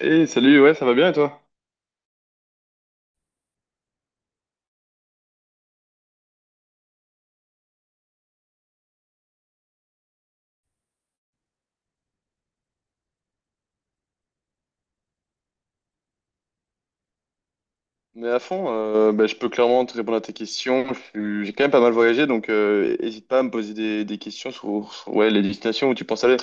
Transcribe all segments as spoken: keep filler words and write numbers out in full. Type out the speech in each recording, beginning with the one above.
Hey, salut, ouais, ça va bien et toi? Mais à fond, euh, bah, je peux clairement te répondre à tes questions. Je suis- J'ai quand même pas mal voyagé, donc euh, hésite pas à me poser des, des questions sur, sur, ouais, les destinations où tu penses aller.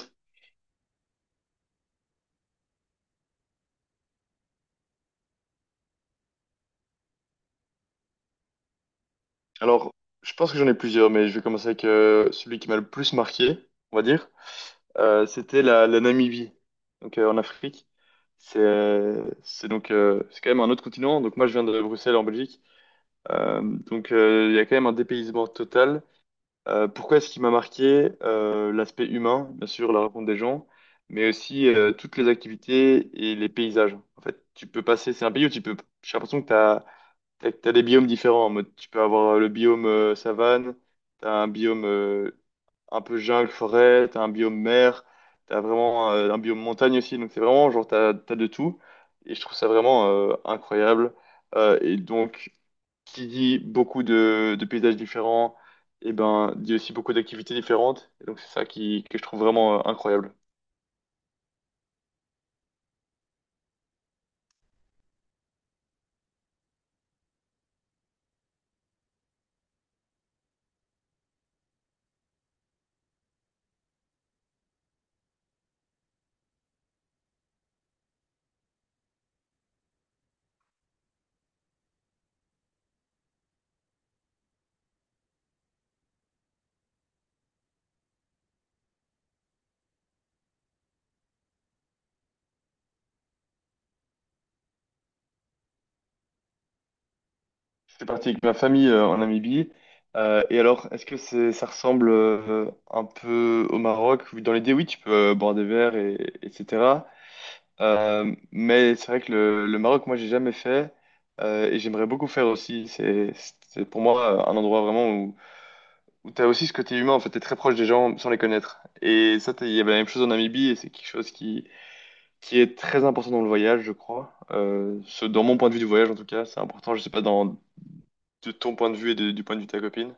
Alors, je pense que j'en ai plusieurs, mais je vais commencer avec euh, celui qui m'a le plus marqué, on va dire. Euh, c'était la, la Namibie, donc euh, en Afrique. C'est euh, c'est donc euh, c'est quand même un autre continent. Donc moi, je viens de Bruxelles en Belgique. Euh, donc euh, il y a quand même un dépaysement total. Euh, pourquoi est-ce qu'il m'a marqué? Euh, l'aspect humain, bien sûr, la rencontre des gens, mais aussi euh, toutes les activités et les paysages. En fait, tu peux passer, c'est un pays où tu peux, j'ai l'impression que tu as, t'as, t'as- t'as des biomes différents. En mode, tu peux avoir euh, le biome euh, savane, tu as un biome euh, un peu jungle, forêt, tu as un biome mer, tu as vraiment euh, un biome montagne aussi. Donc, c'est vraiment genre, tu as, de tout. Et je trouve ça vraiment euh, incroyable. Euh, et donc, qui dit beaucoup de, de paysages différents, et ben dit aussi beaucoup d'activités différentes. Et donc c'est ça qui, que je trouve vraiment euh, incroyable. Je suis parti avec ma famille euh, en Namibie. Euh, et alors, est-ce que c'est, ça ressemble euh, un peu au Maroc? Dans l'idée, oui, tu peux euh, boire des verres, et, etc. Euh, mais c'est vrai que le, le Maroc, moi, j'ai jamais fait, euh, et j'aimerais beaucoup faire aussi. C'est, c'est pour moi euh, un endroit vraiment où t'as aussi ce côté humain. En fait, t'es très proche des gens sans les connaître. Et ça, t'as- il y avait la même chose en Namibie, et c'est quelque chose qui, qui est très important dans le voyage, je crois. Euh, ce, dans mon point de vue du voyage, en tout cas, c'est important, je sais pas, dans, de ton point de vue et de- du point de vue de ta copine.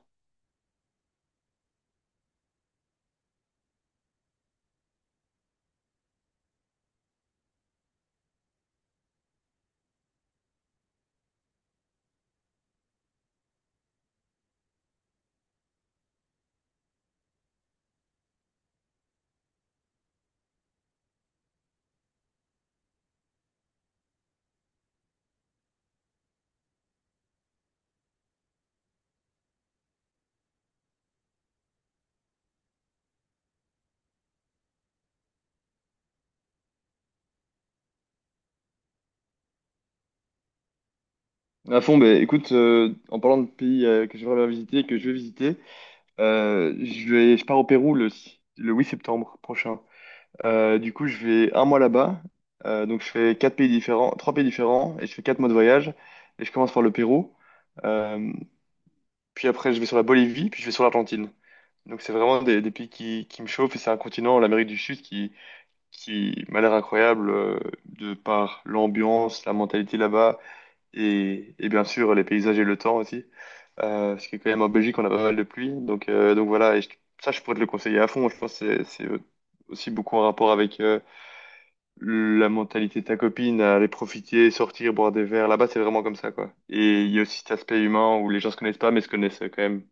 À fond, bah, écoute, euh, en parlant de pays euh, que j'aimerais bien visiter, que je vais visiter, euh, je vais, je pars au Pérou le, si- le huit septembre prochain. Euh, du coup, je vais un mois là-bas. Euh, donc, je fais quatre pays différents, trois pays différents et je fais quatre mois de voyage. Et je commence par le Pérou. Euh, Puis après, je vais sur la Bolivie, puis je vais sur l'Argentine. Donc c'est vraiment des, des pays qui, qui me chauffent, et c'est un continent, l'Amérique du Sud, qui, qui m'a l'air incroyable, euh, de par l'ambiance, la mentalité là-bas, et, et bien sûr les paysages et le temps aussi. Euh, parce que quand même en Belgique, on a pas mal de pluie. Donc, euh, donc voilà, et je- ça, je pourrais te le conseiller à fond. Je pense que c'est c'est aussi beaucoup en rapport avec euh, la mentalité de ta copine, à aller profiter, sortir, boire des verres. Là-bas, c'est vraiment comme ça, quoi. Et il y a aussi cet aspect humain où les gens se connaissent pas, mais se connaissent quand même.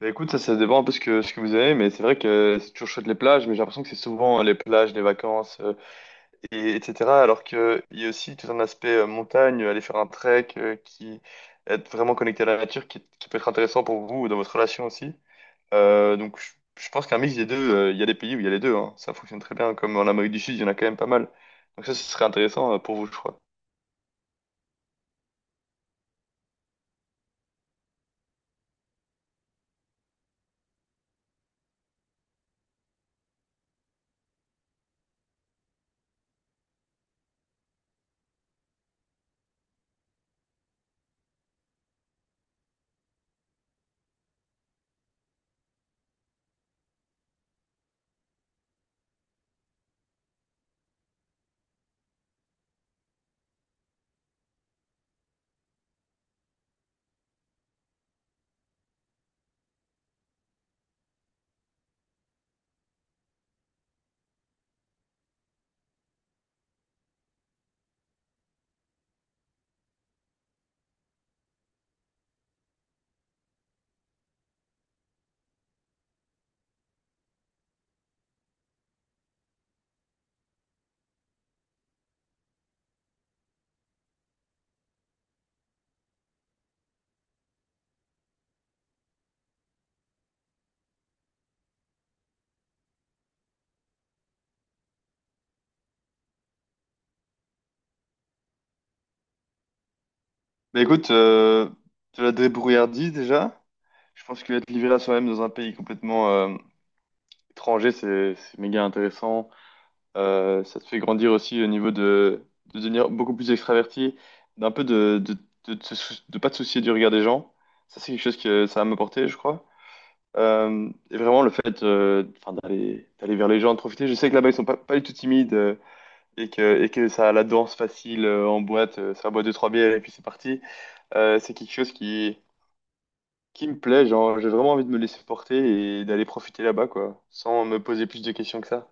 Bah, écoute, ça, ça dépend un peu ce que, ce que vous avez, mais c'est vrai que c'est toujours chouette les plages, mais j'ai l'impression que c'est souvent euh, les plages, les vacances, euh, et, etc. Alors qu'il y a aussi tout un aspect euh, montagne, aller faire un trek, euh, qui être vraiment connecté à la nature, qui, qui peut être intéressant pour vous, ou dans votre relation aussi. Euh, donc je, je pense qu'un mix des deux, euh, il y a des pays où il y a les deux, hein. Ça fonctionne très bien, comme en Amérique du Sud, il y en a quand même pas mal. Donc ça, ce serait intéressant euh, pour vous, je crois. Mais écoute, euh, de la débrouillardise déjà, je pense que être livré à soi-même dans un pays complètement... euh, étranger, c'est c'est méga intéressant. Euh, ça te fait grandir aussi au niveau de, de devenir beaucoup plus extraverti, d'un peu de de, de, te sou- de pas te soucier du regard des gens. Ça, c'est quelque chose que ça va m'apporter, je crois. Euh, et vraiment, le fait euh, enfin, d'aller d'aller vers les gens, de profiter. Je sais que là-bas, ils sont pas, pas du tout timides, euh, et que, et que ça a la danse facile euh, en boîte. Euh, ça boit deux, trois bières et puis c'est parti. Euh, c'est quelque chose qui, qui me plaît. Genre, j'ai vraiment envie de me laisser porter et d'aller profiter là-bas, quoi, sans me poser plus de questions que ça.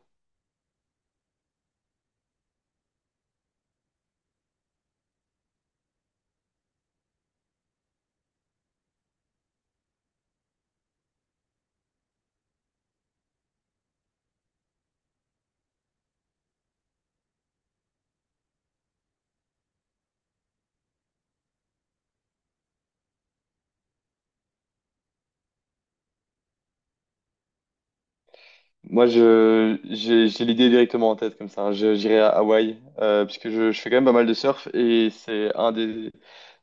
Moi, je, j'ai, j'ai l'idée directement en tête comme ça. Je- J'irai à Hawaï, euh, puisque je, je fais quand même pas mal de surf, et c'est un des,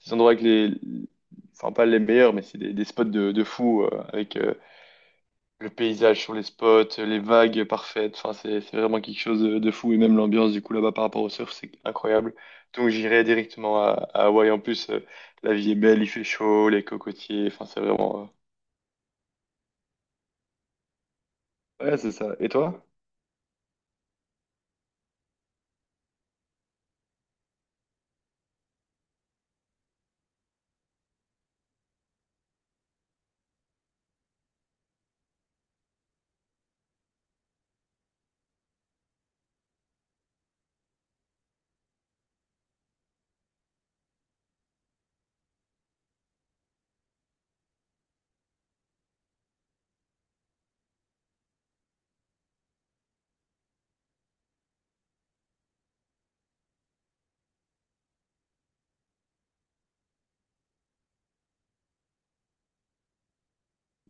des endroits avec les, enfin pas les meilleurs, mais c'est des, des spots de, de fou, euh, avec euh, le paysage sur les spots, les vagues parfaites. Enfin, c'est c'est vraiment quelque chose de, de fou, et même l'ambiance du coup là-bas par rapport au surf, c'est incroyable. Donc j'irai directement à, à Hawaï. En plus, euh, la vie est belle, il fait chaud, les cocotiers. Enfin, c'est vraiment. euh, Ouais, c'est ça. Et toi?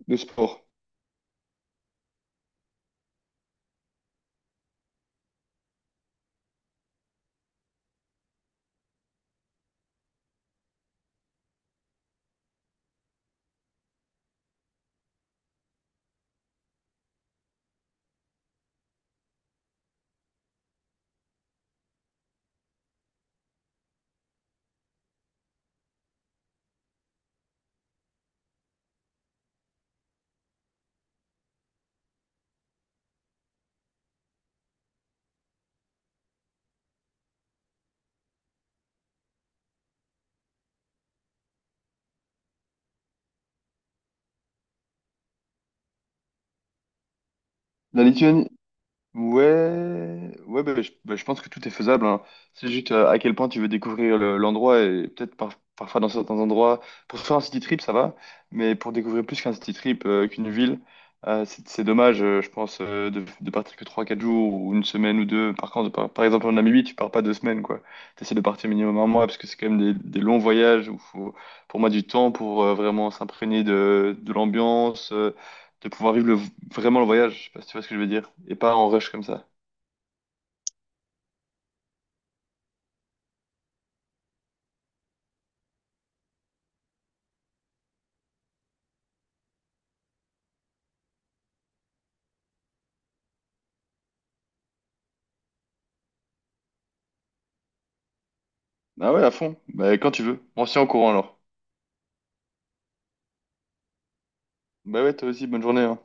Le sport. La Lituanie. Ouais, ouais bah, je, bah, je pense que tout est faisable, hein. C'est juste euh, à quel point tu veux découvrir le- l'endroit, et peut-être par- parfois dans certains endroits, pour faire un city trip, ça va, mais pour découvrir plus qu'un city trip, euh, qu'une ville, euh, c'est c'est dommage, euh, je pense, euh, de, de partir que trois quatre jours ou une semaine ou deux. Par contre, par, par exemple, en Namibie, tu pars pas deux semaines, quoi. Tu essaies de partir minimum un mois parce que c'est quand même des, des longs voyages où faut, pour moi, du temps pour euh, vraiment s'imprégner de, de l'ambiance, euh, de pouvoir vivre le- vraiment le voyage, je sais pas si tu vois ce que je veux dire, et pas en rush comme ça. Ah ouais, à fond, bah quand tu veux. On se tient au courant alors. Bah ouais, toi aussi, bonne journée, hein.